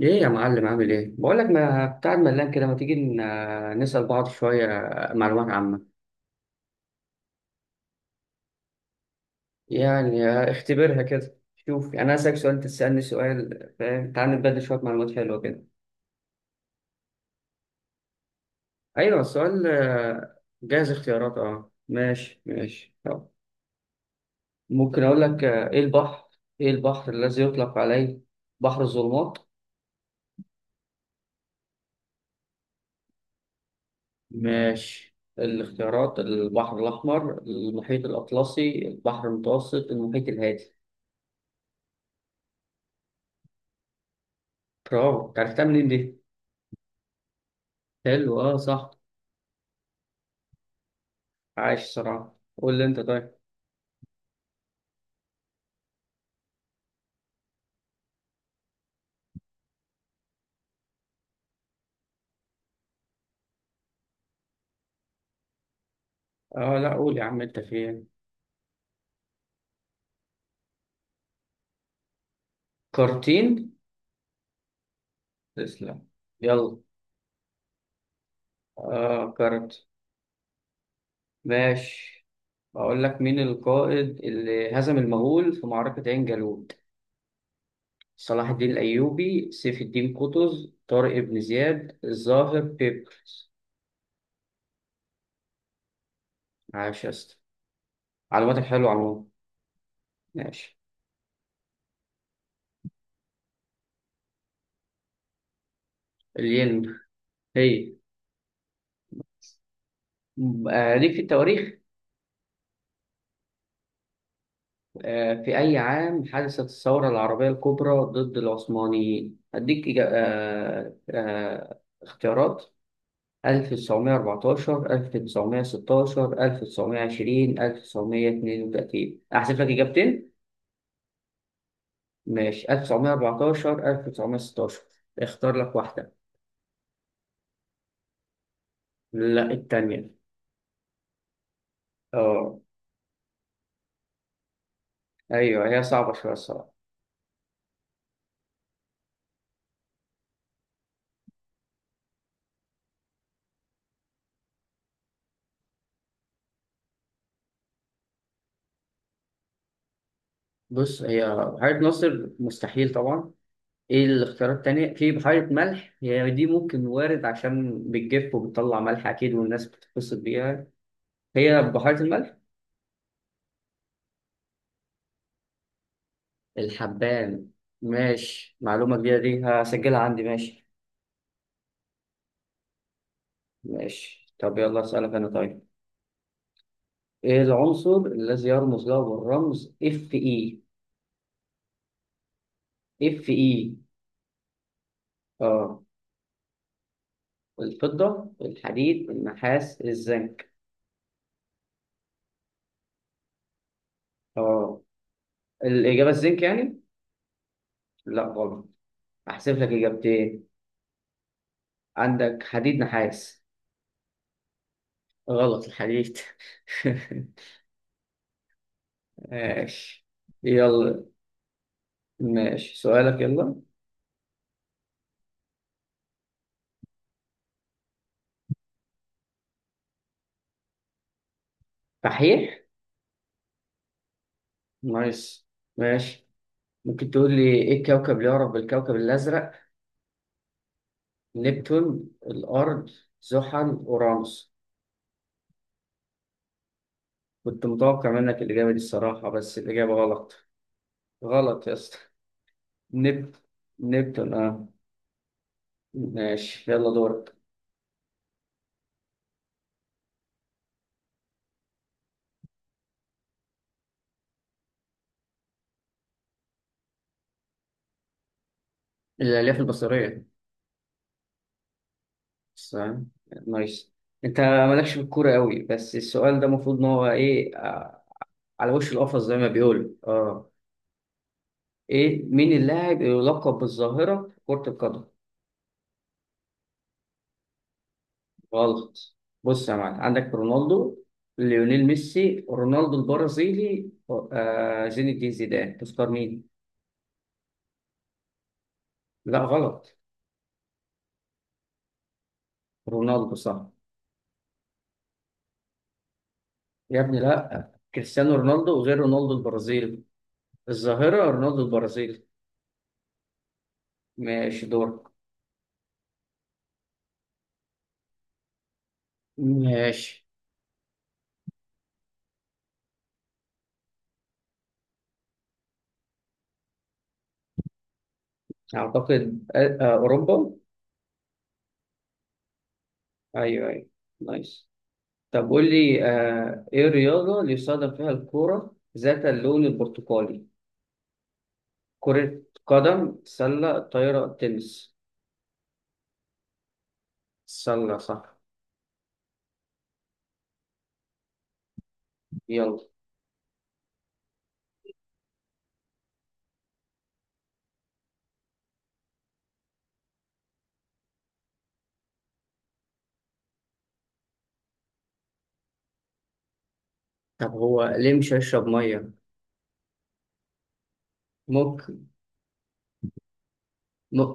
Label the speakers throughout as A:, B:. A: ايه يا معلم، عامل ايه؟ بقول لك ما بتاع ملان كده، ما تيجي نسأل بعض شوية معلومات عامة. يعني اختبرها كده، شوف. يعني انا اسألك سؤال انت تسألني سؤال، فاهم؟ تعال نتبادل شوية معلومات حلوة كده. ايوه السؤال، جاهز اختيارات؟ اه ماشي ماشي طب. ممكن اقول لك، ايه البحر، ايه البحر الذي يطلق عليه بحر الظلمات؟ ماشي. الاختيارات: البحر الأحمر، المحيط الأطلسي، البحر المتوسط، المحيط الهادي. برافو، عرفتها منين دي؟ حلو، اه صح. عايش صراحة، قول لي انت طيب. اه لا، قول يا عم انت فين. كارتين. تسلم. يلا. اه كارت. ماشي. بقول لك، مين القائد اللي هزم المغول في معركة عين جالوت؟ صلاح الدين الأيوبي، سيف الدين قطز، طارق بن زياد، الظاهر بيبرس. عاش يا اسطى، معلوماتك حلوة عموما. ماشي. الين. هي. آه ليك في التواريخ. في أي عام حدثت الثورة العربية الكبرى ضد العثمانيين؟ أديك اختيارات: 1914، 1916، 1920، 1932. أحذف لك إجابتين؟ ماشي، 1914، 1916. اختار لك واحدة. لا التانية. اه. أيوه هي صعبة شوية الصراحة. بص، هي حاجة ناصر مستحيل طبعا. ايه الاختيارات التانية، في بحيرة ملح، هي دي ممكن وارد عشان بتجف وبتطلع ملح اكيد والناس بتتبسط بيها. هي بحيرة الملح. الحبان؟ ماشي، معلومة جديدة دي هسجلها عندي. ماشي ماشي. طب يلا اسألك انا طيب. ايه العنصر الذي يرمز له بالرمز اف اي؟ اف اي. اه، الفضة، الحديد، النحاس، الزنك. اه، الإجابة الزنك يعني؟ لا غلط. هحسب لك إجابتين. عندك حديد، نحاس. غلط، الحديد. ماشي. يلا. ماشي، سؤالك يلا. صحيح. نايس. ماشي. ممكن تقول لي، ايه الكوكب اللي يعرف بالكوكب الأزرق؟ نبتون، الأرض، زحل، أورانوس. كنت متوقع منك الإجابة دي الصراحة، بس الإجابة غلط. غلط يا اسطى. نب نبتون اه. ماشي يلا دورك. الألياف البصرية. بس. نايس. انت مالكش في الكورة قوي، بس السؤال ده المفروض ان هو ايه، على وش القفص زي ما بيقولوا اه. ايه مين اللاعب اللي يلقب بالظاهرة في كرة القدم؟ غلط. بص يا معلم، عندك رونالدو، ليونيل ميسي، رونالدو البرازيلي، زين الدين زيدان. تختار مين؟ لا غلط. رونالدو صح. يا ابني لا، كريستيانو رونالدو غير رونالدو البرازيلي. الظاهرة رونالدو البرازيلي. ماشي دورك. ماشي. أعتقد أوروبا. أيوه أيوه. نايس. طب قول لي، ايه الرياضة اللي يستخدم فيها الكورة ذات اللون البرتقالي؟ كرة قدم، سلة، طايرة، تنس. سلة صح. يلا. طب هو ليه مش هيشرب مية؟ ممكن. م...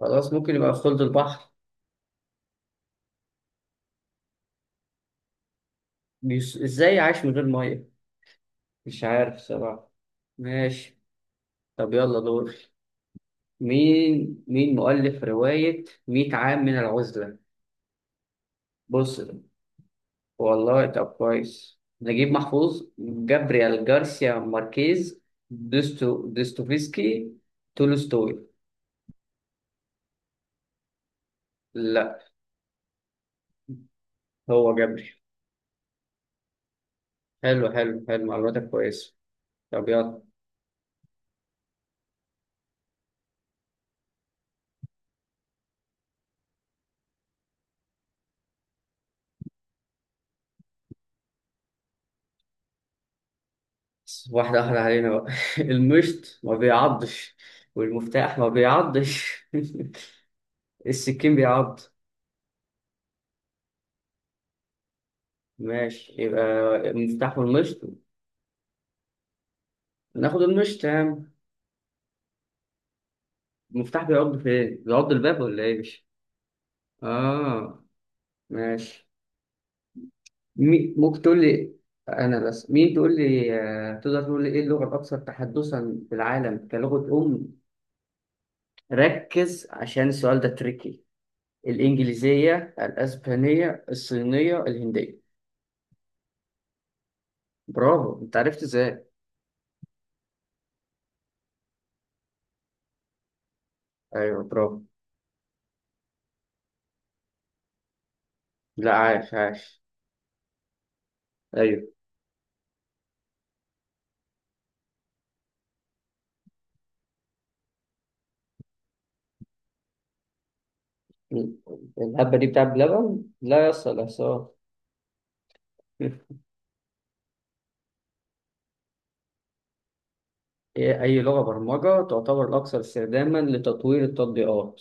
A: خلاص ممكن يبقى في خلد البحر. ازاي عايش من غير مية؟ مش عارف صراحة. ماشي. طب يلا دور. مين مؤلف رواية 100 عام من العزلة؟ بص، والله طب كويس: نجيب محفوظ، جابريال جارسيا ماركيز، دوستوفسكي، تولستوي. لا. هو جابريل. حلو حلو حلو، معلوماتك كويسة. طب يلا. بس واحدة واحدة علينا بقى. المشط ما بيعضش، والمفتاح ما بيعضش. السكين بيعض. ماشي، يبقى المفتاح والمشط. ناخد المشط يا عم. المفتاح بيعض فين؟ بيعض الباب ولا ايه، مش؟ اه. ماشي. ممكن تقول لي. انا بس مين تقول لي، تقدر تقول لي ايه اللغه الاكثر تحدثا في العالم كلغه ام؟ ركز عشان السؤال ده تريكي. الانجليزيه، الاسبانيه، الصينيه، الهنديه. برافو، انت عرفت ازاي؟ ايوه برافو. لا عاش عاش. ايوه. الهبه دي بتاع بلبن، لا يصل احصاء. إيه اي لغه برمجه تعتبر الاكثر استخداما لتطوير التطبيقات؟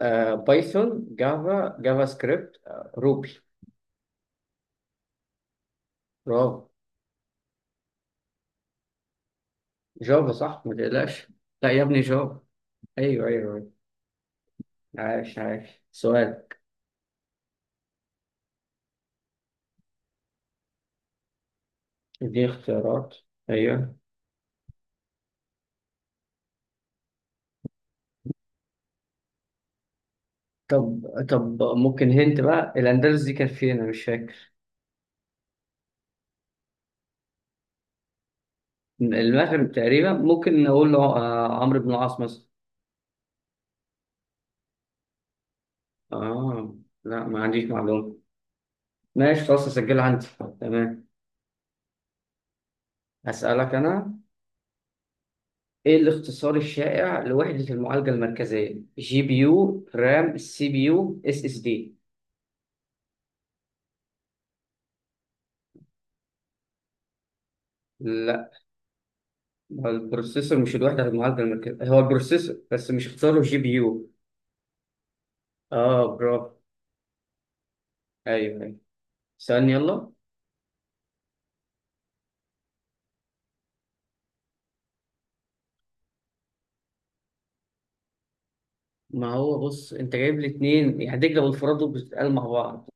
A: بايثون، جافا، جافا سكريبت، روبي. برافو. جافا صح ما تقلقش. لا يا ابني، جافا. ايوه ايوه أيوة. عاش عاش سؤال. دي اختيارات. ايوه. طب. طب ممكن هنت بقى، الاندلس دي كانت فين انا مش فاكر. المغرب تقريبا، ممكن نقول له عمرو بن العاص مثلا. اه لا، ما عنديش معلومه. ماشي خلاص، اسجلها عندي. تمام. هسألك انا. ايه الاختصار الشائع لوحدة المعالجة المركزية: جي بي يو، رام، سي بي يو، اس اس دي؟ لا. هو البروسيسور، مش الوحدة في المعالجة المركزية، هو البروسيسور بس، مش اختاره جي بي يو. اه برافو. ايوه ايوه. سألني يلا. ما هو بص، انت جايب لي اتنين يعني: دجلة والفرات، دول بتتقال مع بعض.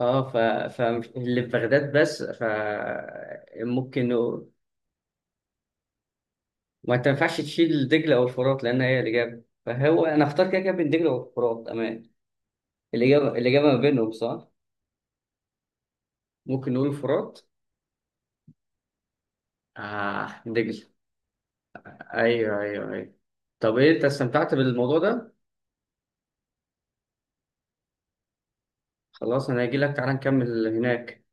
A: اه فاللي في بغداد بس، ممكن نقول. ما انت ما ينفعش تشيل دجلة او الفرات لان هي الاجابة، فهو انا اختار كده كده بين دجلة والفرات امان. الاجابة، الاجابة ما بينهم صح. ممكن نقول الفرات. اه دجلة. ايوه ايوه ايوه. طب ايه، انت استمتعت بالموضوع ده؟ خلاص انا هجيلك، تعالى نكمل هناك.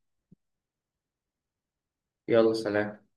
A: يلا سلام.